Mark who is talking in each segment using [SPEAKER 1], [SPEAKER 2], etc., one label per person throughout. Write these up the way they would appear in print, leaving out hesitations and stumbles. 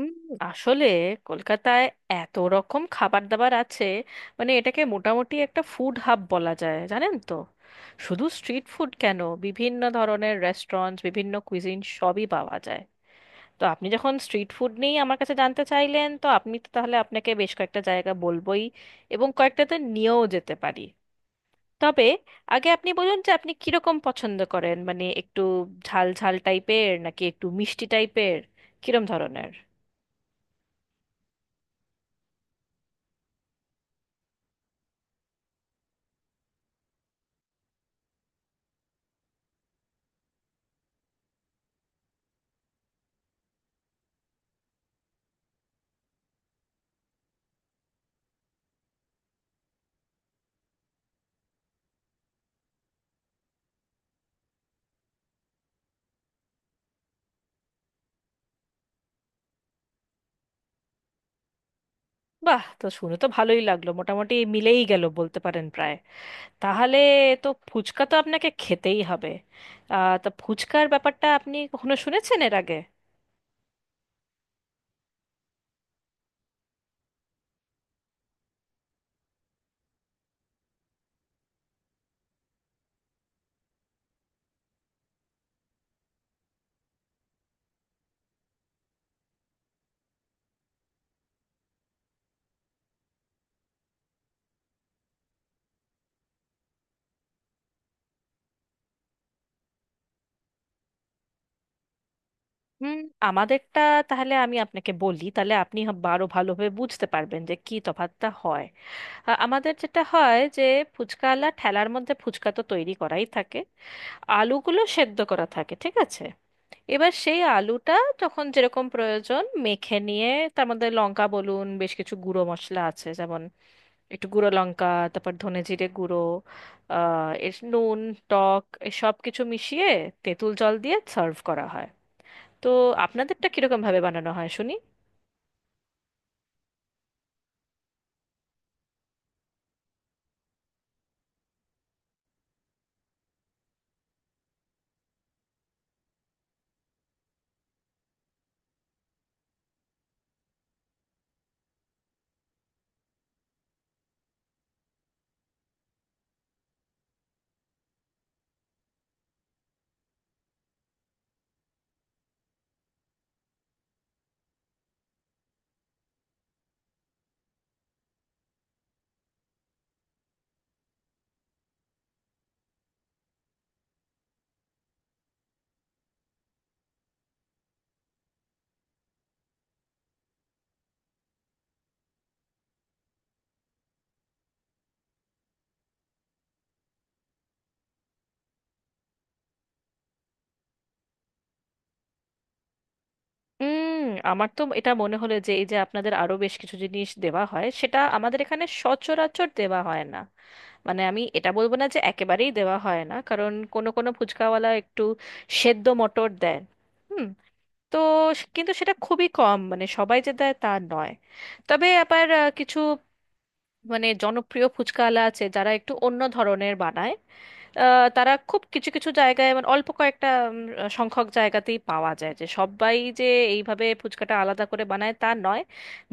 [SPEAKER 1] উম, আসলে কলকাতায় এত রকম খাবার দাবার আছে, মানে এটাকে মোটামুটি একটা ফুড হাব বলা যায়, জানেন তো। শুধু স্ট্রিট ফুড কেন, বিভিন্ন ধরনের রেস্টুরেন্টস, বিভিন্ন কুইজিন সবই পাওয়া যায়। তো আপনি যখন স্ট্রিট ফুড নিয়ে আমার কাছে জানতে চাইলেন, তো আপনি তো তাহলে আপনাকে বেশ কয়েকটা জায়গা বলবোই, এবং কয়েকটাতে নিয়েও যেতে পারি। তবে আগে আপনি বলুন যে আপনি কিরকম পছন্দ করেন, মানে একটু ঝাল ঝাল টাইপের, নাকি একটু মিষ্টি টাইপের, কিরম ধরনের। বাহ, তো শুনে তো ভালোই লাগলো, মোটামুটি মিলেই গেল বলতে পারেন প্রায়। তাহলে তো ফুচকা তো আপনাকে খেতেই হবে। আহ, তা ফুচকার ব্যাপারটা আপনি কখনো শুনেছেন এর আগে? হুম, আমাদেরটা, তাহলে আমি আপনাকে বলি, তাহলে আপনি আরো ভালোভাবে বুঝতে পারবেন যে কি তফাৎটা হয়। আমাদের যেটা হয় যে ফুচকাওয়ালা ঠেলার মধ্যে ফুচকা তো তৈরি করাই থাকে, আলুগুলো সেদ্ধ করা থাকে, ঠিক আছে। এবার সেই আলুটা যখন যেরকম প্রয়োজন মেখে নিয়ে, তার মধ্যে লঙ্কা বলুন, বেশ কিছু গুঁড়ো মশলা আছে যেমন একটু গুঁড়ো লঙ্কা, তারপর ধনে জিরে গুঁড়ো, আহ এর নুন, টক, সব কিছু মিশিয়ে তেঁতুল জল দিয়ে সার্ভ করা হয়। তো আপনাদেরটা কিরকম ভাবে বানানো হয় শুনি। উম আমার তো এটা মনে হলো যে এই যে আপনাদের আরো বেশ কিছু জিনিস দেওয়া হয় সেটা আমাদের এখানে সচরাচর দেওয়া হয় না। মানে আমি এটা বলবো না যে একেবারেই দেওয়া হয় না, কারণ কোনো কোনো ফুচকাওয়ালা একটু সেদ্ধ মটর দেন। হুম। তো কিন্তু সেটা খুবই কম, মানে সবাই যে দেয় তা নয়। তবে আবার কিছু মানে জনপ্রিয় ফুচকাওয়ালা আছে যারা একটু অন্য ধরনের বানায়। তারা খুব কিছু কিছু জায়গায়, মানে অল্প কয়েকটা উম, সংখ্যক জায়গাতেই পাওয়া যায়, যে সবাই যে এইভাবে ফুচকাটা আলাদা করে বানায় তা নয়।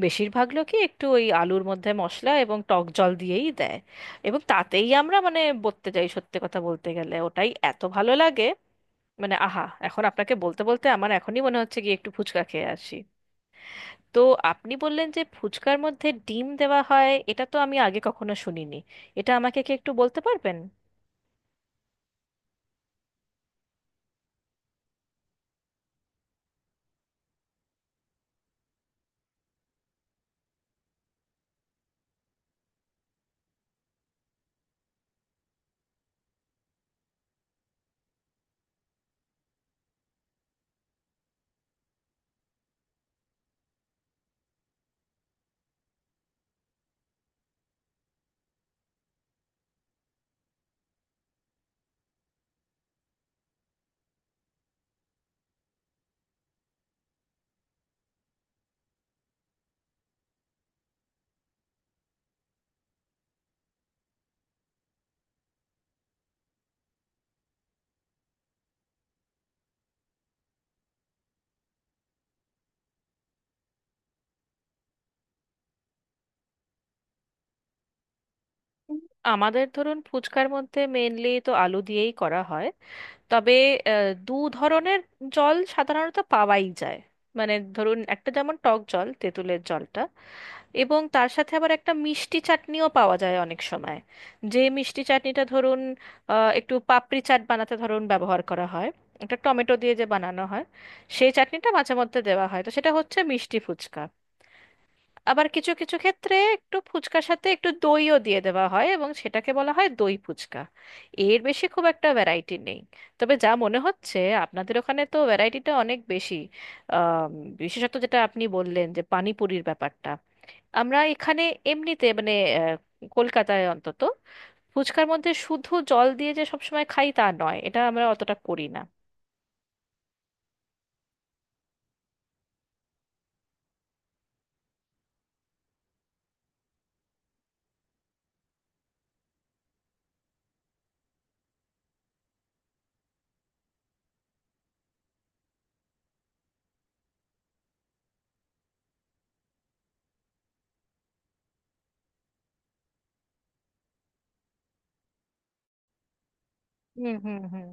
[SPEAKER 1] বেশিরভাগ লোকই একটু ওই আলুর মধ্যে মশলা এবং টক জল দিয়েই দেয়, এবং তাতেই আমরা মানে বলতে যাই, সত্যি কথা বলতে গেলে ওটাই এত ভালো লাগে। মানে আহা, এখন আপনাকে বলতে বলতে আমার এখনই মনে হচ্ছে গিয়ে একটু ফুচকা খেয়ে আসি। তো আপনি বললেন যে ফুচকার মধ্যে ডিম দেওয়া হয়, এটা তো আমি আগে কখনো শুনিনি। এটা আমাকে কি একটু বলতে পারবেন? আমাদের ধরুন ফুচকার মধ্যে মেনলি তো আলু দিয়েই করা হয়। তবে দু ধরনের জল সাধারণত পাওয়াই যায়। মানে ধরুন একটা যেমন টক জল, তেঁতুলের জলটা, এবং তার সাথে আবার একটা মিষ্টি চাটনিও পাওয়া যায় অনেক সময়। যে মিষ্টি চাটনিটা ধরুন একটু পাপড়ি চাট বানাতে ধরুন ব্যবহার করা হয়, একটা টমেটো দিয়ে যে বানানো হয়, সেই চাটনিটা মাঝে মধ্যে দেওয়া হয়, তো সেটা হচ্ছে মিষ্টি ফুচকা। আবার কিছু কিছু ক্ষেত্রে একটু ফুচকার সাথে একটু দইও দিয়ে দেওয়া হয়, এবং সেটাকে বলা হয় দই ফুচকা। এর বেশি খুব একটা ভ্যারাইটি নেই। তবে যা মনে হচ্ছে আপনাদের ওখানে তো ভ্যারাইটিটা অনেক বেশি। আম, বিশেষত যেটা আপনি বললেন যে পানিপুরির ব্যাপারটা, আমরা এখানে এমনিতে মানে আহ, কলকাতায় অন্তত ফুচকার মধ্যে শুধু জল দিয়ে যে সবসময় খাই তা নয়, এটা আমরা অতটা করি না। হুম হুম হুম।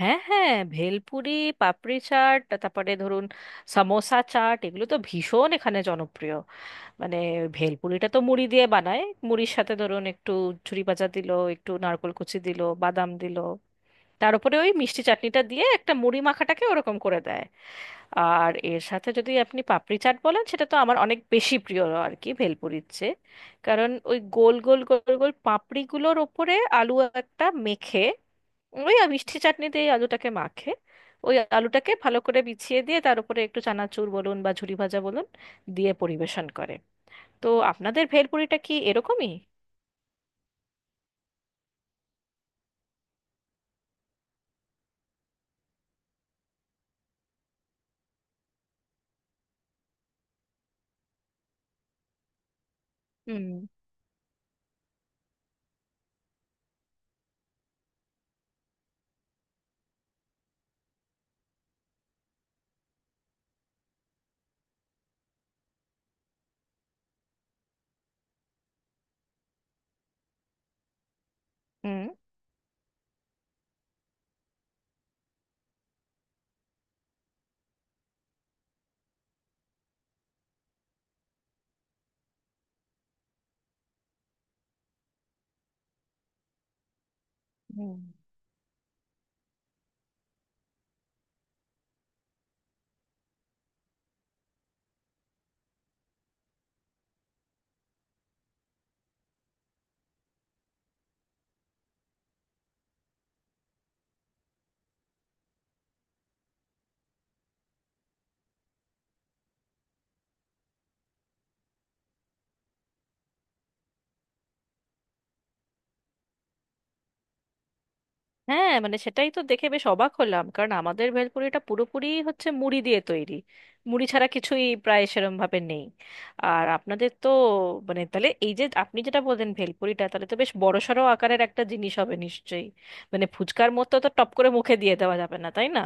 [SPEAKER 1] হ্যাঁ হ্যাঁ, ভেলপুরি, পাপড়ি চাট, তারপরে ধরুন সামোসা চাট, এগুলো তো ভীষণ এখানে জনপ্রিয়। মানে ভেলপুরিটা তো মুড়ি দিয়ে বানায়। মুড়ির সাথে ধরুন একটু ছুরি ভাজা দিল, একটু নারকোল কুচি দিল, বাদাম দিল, তার উপরে ওই মিষ্টি চাটনিটা দিয়ে একটা মুড়ি মাখাটাকে ওরকম করে দেয়। আর এর সাথে যদি আপনি পাপড়ি চাট বলেন, সেটা তো আমার অনেক বেশি প্রিয় আর কি ভেলপুরির চেয়ে। কারণ ওই গোল গোল গোল গোল পাপড়িগুলোর ওপরে আলু একটা মেখে, ওই মিষ্টি চাটনিতে এই আলুটাকে মাখে, ওই আলুটাকে ভালো করে বিছিয়ে দিয়ে তার উপরে একটু চানাচুর বলুন বা ঝুরি ভাজা বলুন দিয়ে পরিবেশন করে। তো আপনাদের ভেলপুরিটা কি এরকমই? হুম হুম হুম। হ্যাঁ মানে সেটাই তো দেখে বেশ অবাক হলাম, কারণ আমাদের ভেলপুরিটা পুরোপুরি হচ্ছে মুড়ি দিয়ে তৈরি, মুড়ি ছাড়া কিছুই প্রায় সেরম ভাবে নেই। আর আপনাদের তো মানে, তাহলে এই যে আপনি যেটা বললেন ভেলপুরিটা, তাহলে তো বেশ বড়সড় আকারের একটা জিনিস হবে নিশ্চয়ই। মানে ফুচকার মতো তো টপ করে মুখে দিয়ে দেওয়া যাবে না, তাই না?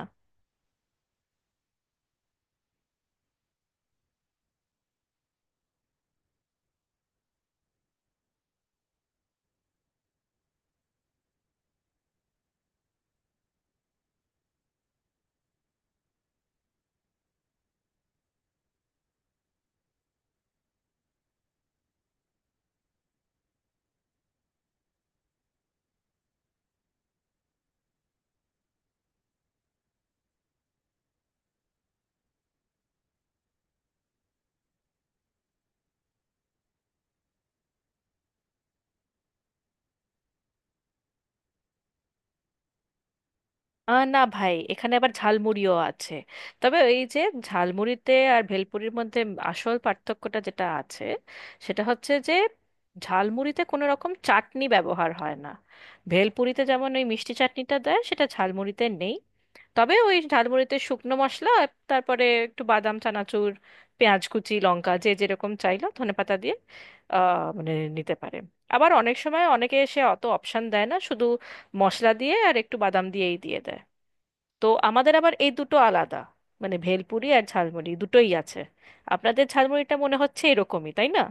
[SPEAKER 1] আহ না ভাই, এখানে আবার ঝালমুড়িও আছে। তবে এই যে ঝালমুড়িতে আর ভেলপুরির মধ্যে আসল পার্থক্যটা যেটা আছে সেটা হচ্ছে যে ঝালমুড়িতে কোনো রকম চাটনি ব্যবহার হয় না। ভেলপুরিতে যেমন ওই মিষ্টি চাটনিটা দেয়, সেটা ঝালমুড়িতে নেই। তবে ওই ঝালমুড়িতে শুকনো মশলা আর তারপরে একটু বাদাম চানাচুর, পেঁয়াজ কুচি, লঙ্কা যে যেরকম চাইলো, ধনেপাতা দিয়ে আহ মানে নিতে পারে। আবার অনেক সময় অনেকে এসে অত অপশন দেয় না, শুধু মশলা দিয়ে আর একটু বাদাম দিয়েই দিয়ে দেয়। তো আমাদের আবার এই দুটো আলাদা, মানে ভেলপুরি আর ঝালমুড়ি দুটোই আছে। আপনাদের ঝালমুড়িটা মনে হচ্ছে এরকমই তাই না?